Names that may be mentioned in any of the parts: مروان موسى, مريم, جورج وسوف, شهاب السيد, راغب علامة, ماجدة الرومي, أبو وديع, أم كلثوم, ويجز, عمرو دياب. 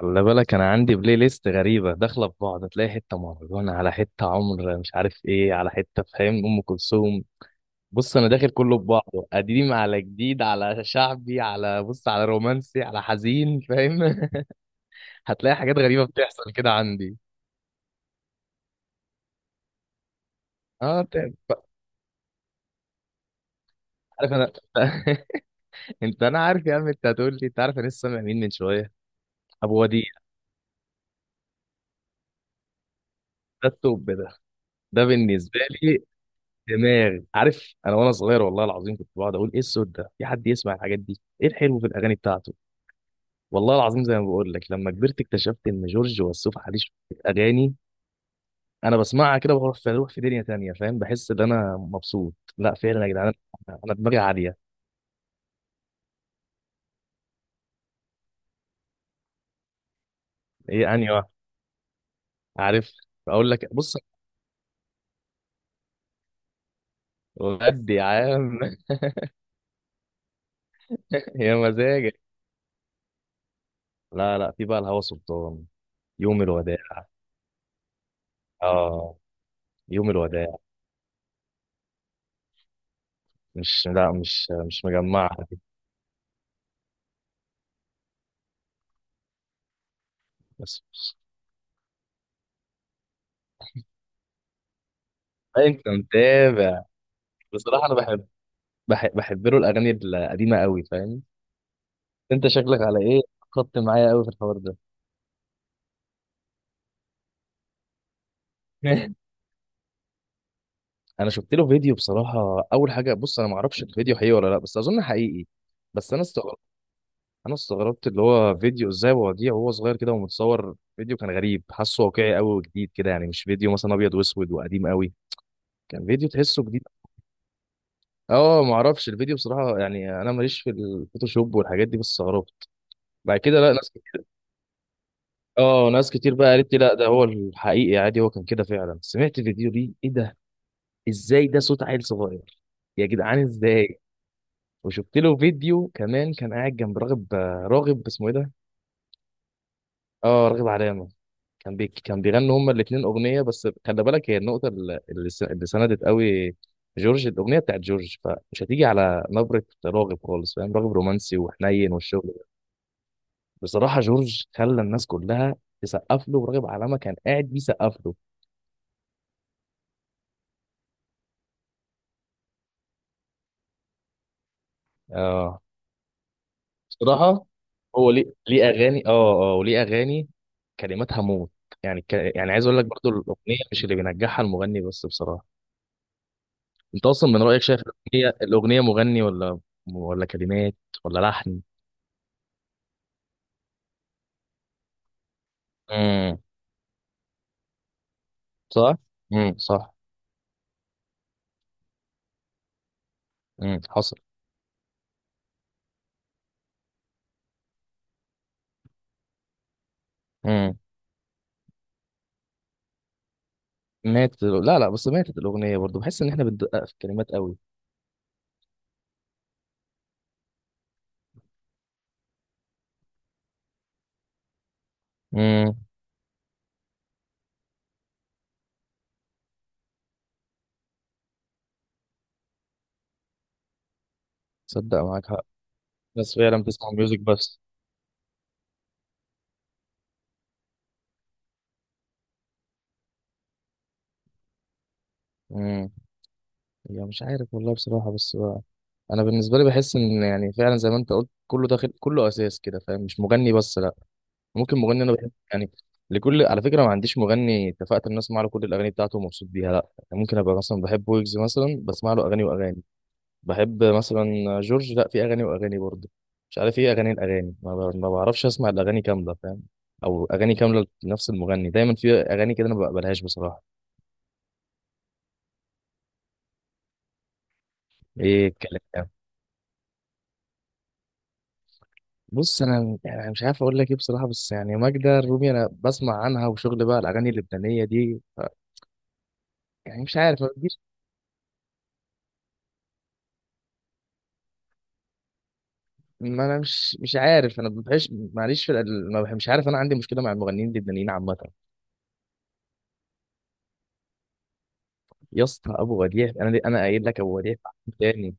خلي بالك، انا عندي بلاي ليست غريبه داخله في بعض، تلاقي حته مهرجان على حته عمر مش عارف ايه على حته، فاهم؟ ام كلثوم. بص، انا داخل كله في بعضه، قديم على جديد على شعبي على بص على رومانسي على حزين، فاهم؟ هتلاقي حاجات غريبه بتحصل كده عندي. اه، تعب. عارف انا. انا عارف يا عم، انت هتقول لي انت عارف، انا لسه سامع مين من شويه. ابو وديع. ده التوب ده. ده بالنسبه لي. دماغي. عارف انا وانا صغير والله العظيم كنت بقعد اقول ايه الصوت ده، في حد يسمع الحاجات دي؟ ايه الحلو في الاغاني بتاعته. والله العظيم زي ما بقول لك، لما كبرت اكتشفت ان جورج وسوف عليه شويه اغاني. انا بسمعها كده، بروح في، بروح في دنيا تانية، فاهم؟ بحس ان انا مبسوط، لا فعلا يا جدعان. انا دماغي عاليه. ايه انهي واحد؟ عارف، اقول لك بص. بجد يا عم. يا مزاجك. لا لا، في بقى الهوى سلطان. يوم الوداع. اه. يوم الوداع. مش لا مش مش مجمعها دي. بس انت متابع. بصراحه انا بحب. بحب له الاغاني القديمه قوي، فاهم؟ انت شكلك على ايه. خدت معايا قوي في الحوار ده. انا شفت له فيديو بصراحه. اول حاجه بص، انا ما اعرفش الفيديو حقيقي ولا لا، بس اظن حقيقي. بس انا استغربت. انا استغربت، اللي هو فيديو ازاي وديع وهو صغير كده ومتصور فيديو، كان غريب، حاسه واقعي قوي وجديد كده، يعني مش فيديو مثلا ابيض واسود وقديم قوي. كان فيديو تحسه جديد. اه، ما اعرفش الفيديو بصراحه، يعني انا ماليش في الفوتوشوب والحاجات دي، بس استغربت. بعد كده لا، ناس. اه، ناس كتير بقى قالت لي لا ده هو الحقيقي عادي، هو كان كده فعلا. سمعت فيديو ليه، ايه ده؟ ازاي ده صوت عيل صغير. يا جدعان ازاي. وشفت له فيديو كمان كان قاعد جنب راغب. راغب اسمه ايه ده؟ اه، راغب علامة. كان بيغنوا هما الاتنين اغنية، بس خلي بالك هي النقطة اللي سندت قوي. جورج. الاغنية بتاعت جورج، فمش هتيجي على نبرة راغب خالص، فاهم؟ راغب رومانسي وحنين والشغل ده. بصراحة جورج خلى الناس كلها تسقف له، وراغب علامة كان قاعد بيسقف له. اه. بصراحة. هو ليه، ليه أغاني، وليه أغاني كلماتها موت. يعني عايز أقول لك برضو، الأغنية مش اللي بينجحها المغني بس، بصراحة. أنت أصلا من رأيك شايف الأغنية، الأغنية مغني ولا، ولا كلمات، ولا لحن؟ امم صح. صح. حصل. امم ماتت. لا لا، بس ماتت الأغنية برضو. بحس إن إحنا بندقق في الكلمات قوي. امم. صدق، معاك حق. بس فعلا بتسمع ميوزك بس. امم. يعني مش عارف والله بصراحة، بس بقى. أنا بالنسبة لي بحس إن، يعني فعلا زي ما أنت قلت، كله داخل كله، أساس كده، فاهم؟ مش مغني بس، لأ. ممكن مغني، أنا بحب يعني. لكل على فكرة، ما عنديش مغني اتفقت إن أسمع له كل الأغاني بتاعته ومبسوط بيها، لأ. يعني ممكن أبقى مثلا بحب ويجز مثلا، بسمع له أغاني وأغاني. بحب مثلا جورج. لأ، في أغاني وأغاني برضه. مش عارف إيه أغاني الأغاني. ما بعرفش أسمع الأغاني كاملة، فاهم؟ أو أغاني كاملة لنفس المغني. دايما في أغاني كده أنا ما بقبلهاش بصراحة. إيه الكلام. بص انا يعني مش عارف اقول لك ايه بصراحه، بس يعني ماجدة الرومي انا بسمع عنها، وشغل بقى الاغاني اللبنانيه دي ف-، يعني مش عارف، ما بتجيش. ما انا مش عارف، انا ما بحبش معلش في ال- ما بح- مش عارف، انا عندي مشكله مع المغنيين اللبنانيين عامه. يا اسطى ابو وديع، انا قايل لك ابو وديع تاني.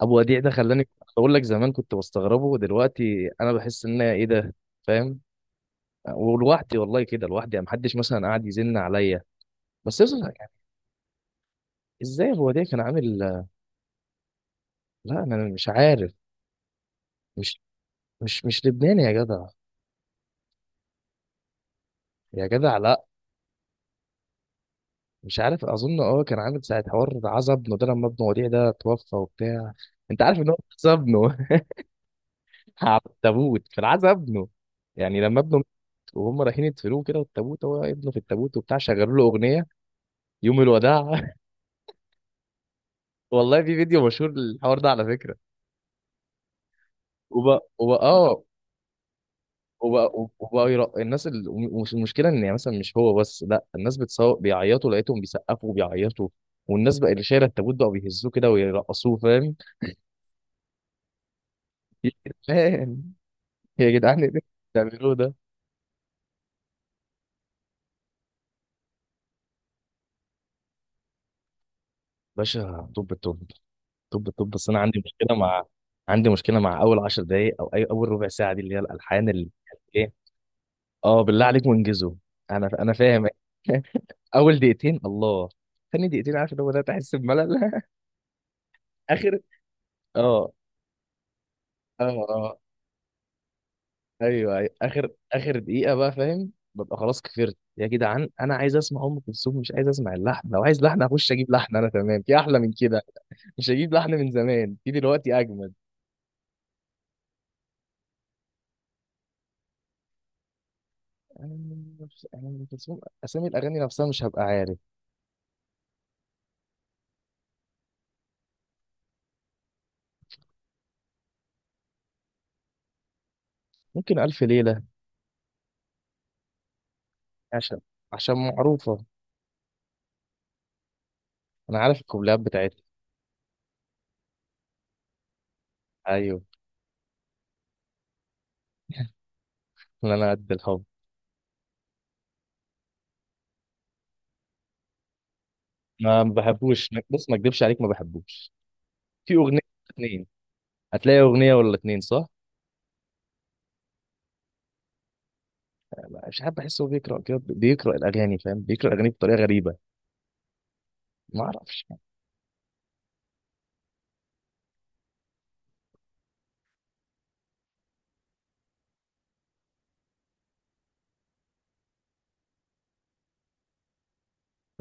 ابو وديع ده خلاني اقول لك. زمان كنت بستغربه، ودلوقتي انا بحس ان أنا، ايه ده؟ فاهم؟ ولوحدي والله كده لوحدي، يعني محدش مثلا قاعد يزن عليا. بس يا اسطى يعني. ازاي ابو وديع كان عامل؟ لا انا مش عارف. مش لبناني يا جدع. يا جدع لا. مش عارف، اظن اه. كان عامل ساعه، حوار عزا ابنه ده لما ابنه وديع ده توفى وبتاع. انت عارف ان هو عزا ابنه؟ على التابوت في العزا ابنه. يعني لما ابنه مات وهم رايحين يدفنوه كده، والتابوت هو ابنه في التابوت وبتاع، شغلوا له اغنيه يوم الوداع. والله في فيديو مشهور للحوار ده على فكره. وبقى اه. وبقى وبقى يرق... الناس ال... ومش- المشكله ان يعني مثلا مش هو بس، لا الناس بتصور بيعيطوا، لقيتهم بيسقفوا وبيعيطوا، والناس بقى اللي شايله التابوت بقى بيهزوه كده ويرقصوه، فاهم؟ يا جدعان، يا جدعان، إيه اللي بتعملوه ده؟ باشا. طب بس انا عندي مشكله مع، عندي مشكله مع اول 10 دقائق او اي اول ربع ساعه دي، اللي هي الالحان اللي، ايه. اه بالله عليك وانجزوا. انا فاهم. اول دقيقتين الله، ثاني دقيقتين، عارف اللي هو ده، تحس بملل. اخر. اه اه. آه. ايوه اخر، اخر دقيقه بقى، فاهم؟ ببقى خلاص كفرت يا جدعان، انا عايز اسمع ام كلثوم، مش عايز اسمع اللحن. لو عايز لحن اخش اجيب لحن انا، تمام، في احلى من كده. مش هجيب لحن من زمان في دلوقتي اجمد. انا مش- أنا ام كلثوم اسامي الاغاني نفسها مش هبقى عارف. ممكن الف ليله، عشان، عشان معروفه. انا عارف الكوبليهات بتاعتها. ايوه. إن انا قد الحب. ما بحبوش. بص، ما اكدبش عليك ما بحبوش. في اغنيه، اتنين. هتلاقي اغنيه ولا اتنين، صح؟ مش عارف، بحسه هو بيقرا كده، بيقرا الاغاني، فاهم؟ بيقرا الاغاني بطريقه غريبه. ما اعرفش.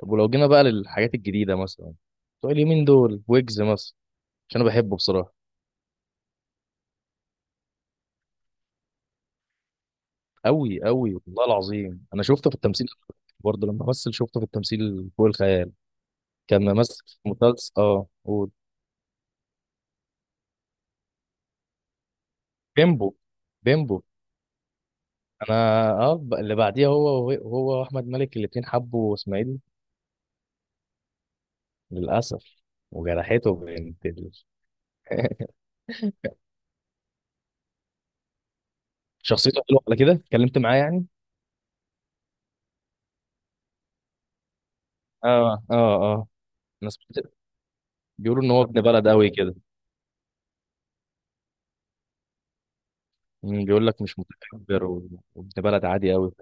طب ولو جينا بقى للحاجات الجديده مثلا، بتوع اليومين دول، ويجز مثلا، عشان انا بحبه بصراحه. قوي قوي، والله العظيم. انا شفته في التمثيل. برضه لما مثل شفته في التمثيل فوق الخيال. كان ممثل في مسلسل، اه، قول. بيمبو. بيمبو. انا اه. اللي بعديها هو، هو واحمد مالك الاتنين حبوا اسماعيل للاسف، وجرحته شخصيته حلوه، على كده اتكلمت معاه يعني. اه. ناس بيقولوا ان هو ابن بلد قوي كده. مم، بيقول لك مش متكبر و-، وابن بلد عادي قوي.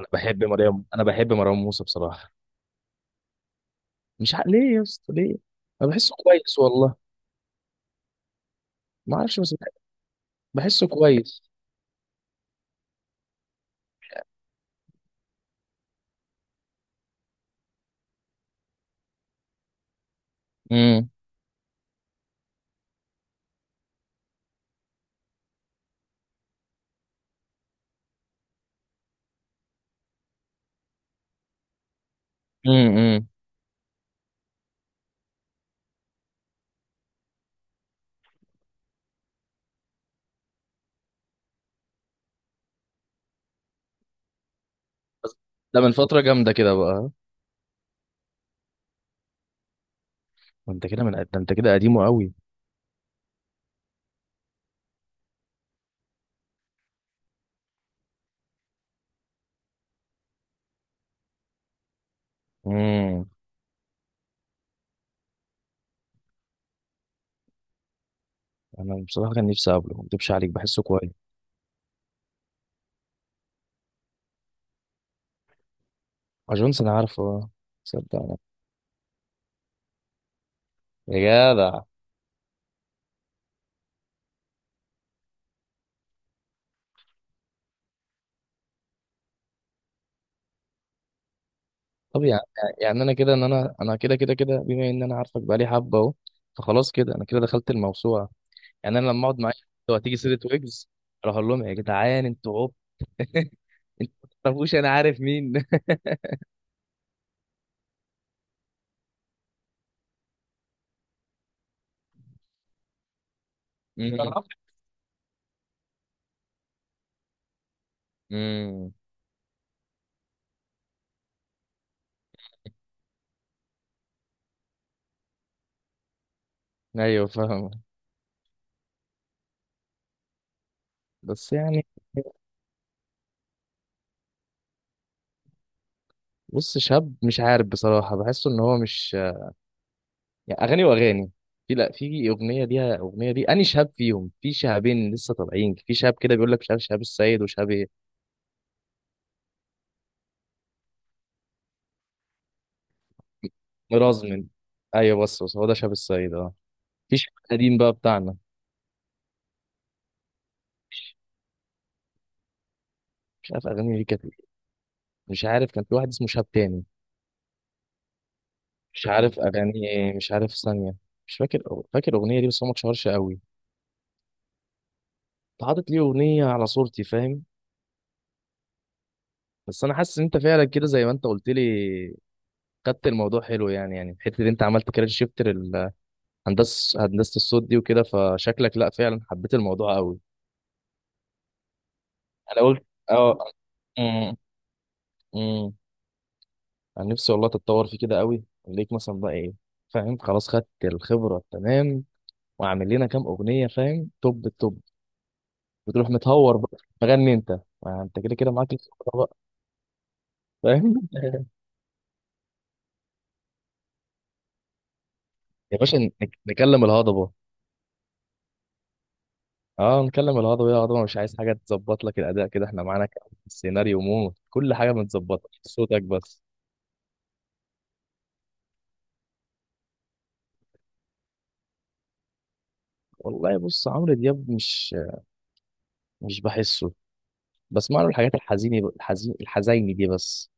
انا بحب مريم، انا بحب مروان موسى بصراحه. مش عارف ليه يا اسطى، ليه. انا بحسه كويس والله. ما اعرفش. بس بحسه كويس. امم. امم. بس ده من فتره جامده كده بقى. ما انت كده من ده، انت كده قديمه قوي. امم. انا بصراحه كان نفسي اقابله، ما اكدبش عليك بحسه كويس. اجونس انا عارفه اه. صدق. يا جدع. طب يعني، يعني انا كده، ان انا، انا كده بما ان انا عارفك بقالي حبه اهو، فخلاص كده انا كده دخلت الموسوعه. يعني انا لما اقعد معاك لو هتيجي سيره ويجز، اروح اقول لهم يا جدعان انتوا عب، انتوا ما تعرفوش انا عارف مين. امم. امم. ايوه فاهم. بس يعني. بص، شاب مش عارف بصراحه، بحسه ان هو مش، يعني اغاني واغاني. في، لا في اغنيه ليها، اغنيه دي اني شاب فيهم، في شهابين لسه طالعين، في شاب كده بيقول لك مش عارف شهاب السيد وشهاب ايه. رازمن. ايوه، بس هو ده شهاب السيد، اه. مفيش قديم بقى بتاعنا. مش عارف اغاني ليه كانت إيه. مش عارف، كان في واحد اسمه شهاب تاني. مش عارف اغاني إيه، مش عارف ثانيه. مش فاكر. فاكر اغنيه دي بس هو ما اتشهرش قوي. انت حاطط ليه اغنيه على صورتي، فاهم؟ بس انا حاسس ان انت فعلا كده زي ما انت قلت لي، خدت الموضوع حلو، يعني يعني الحته اللي انت عملت كارير شيفت، هندسه الصوت دي وكده، فشكلك لا فعلا حبيت الموضوع قوي. انا قلت اه. امم. امم. انا نفسي والله تتطور في كده قوي، ليك مثلا بقى ايه، فاهم؟ خلاص خدت الخبره تمام، واعمل لنا كام اغنيه، فاهم؟ توب التوب، وتروح متهور بقى مغني انت. ما انت كده كده معاك الخبرة بقى، فاهم؟ يا باشا، نكلم الهضبه. اه، نكلم الهضبه، يا هضبه مش عايز حاجه تظبط لك الاداء كده، احنا معانا كام سيناريو موت، كل حاجه متظبطه، صوتك بس. والله بص عمرو دياب مش، بحسه، بسمع له الحاجات الحزيني، الحزيني دي بس.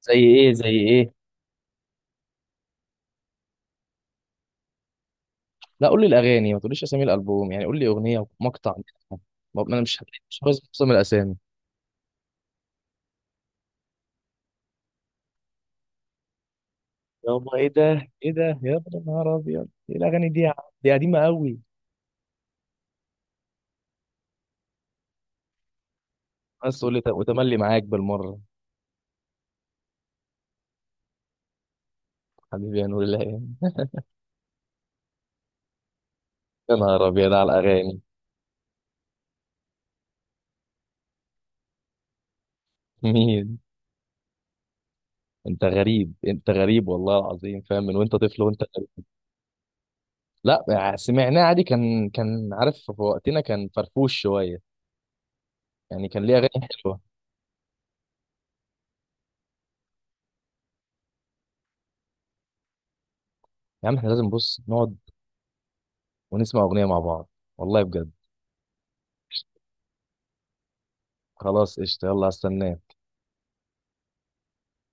زي ايه؟ لا قول لي الاغاني، ما تقوليش اسامي الالبوم، يعني قول لي اغنيه ومقطع منها. ما انا مش مش حافظ معظم الاسامي. يابا ايه ده. ايه ده يا ابن النهار ابيض، ايه الاغاني دي يا عم؟ دي قديمه قوي. بس تقول لي ت-، وتملي معاك بالمره. حبيبي يا نور الله، يا نهار ابيض على الاغاني. مين؟ انت غريب، انت غريب والله العظيم، فاهم؟ من وانت طفل وانت غريب. لا يعني سمعناه عادي، كان كان عارف في وقتنا، كان فرفوش شويه، يعني كان ليه اغاني حلوه. يا عم احنا لازم بص نقعد ونسمع اغنيه مع بعض، والله بجد. خلاص قشطه، يلا هستناك.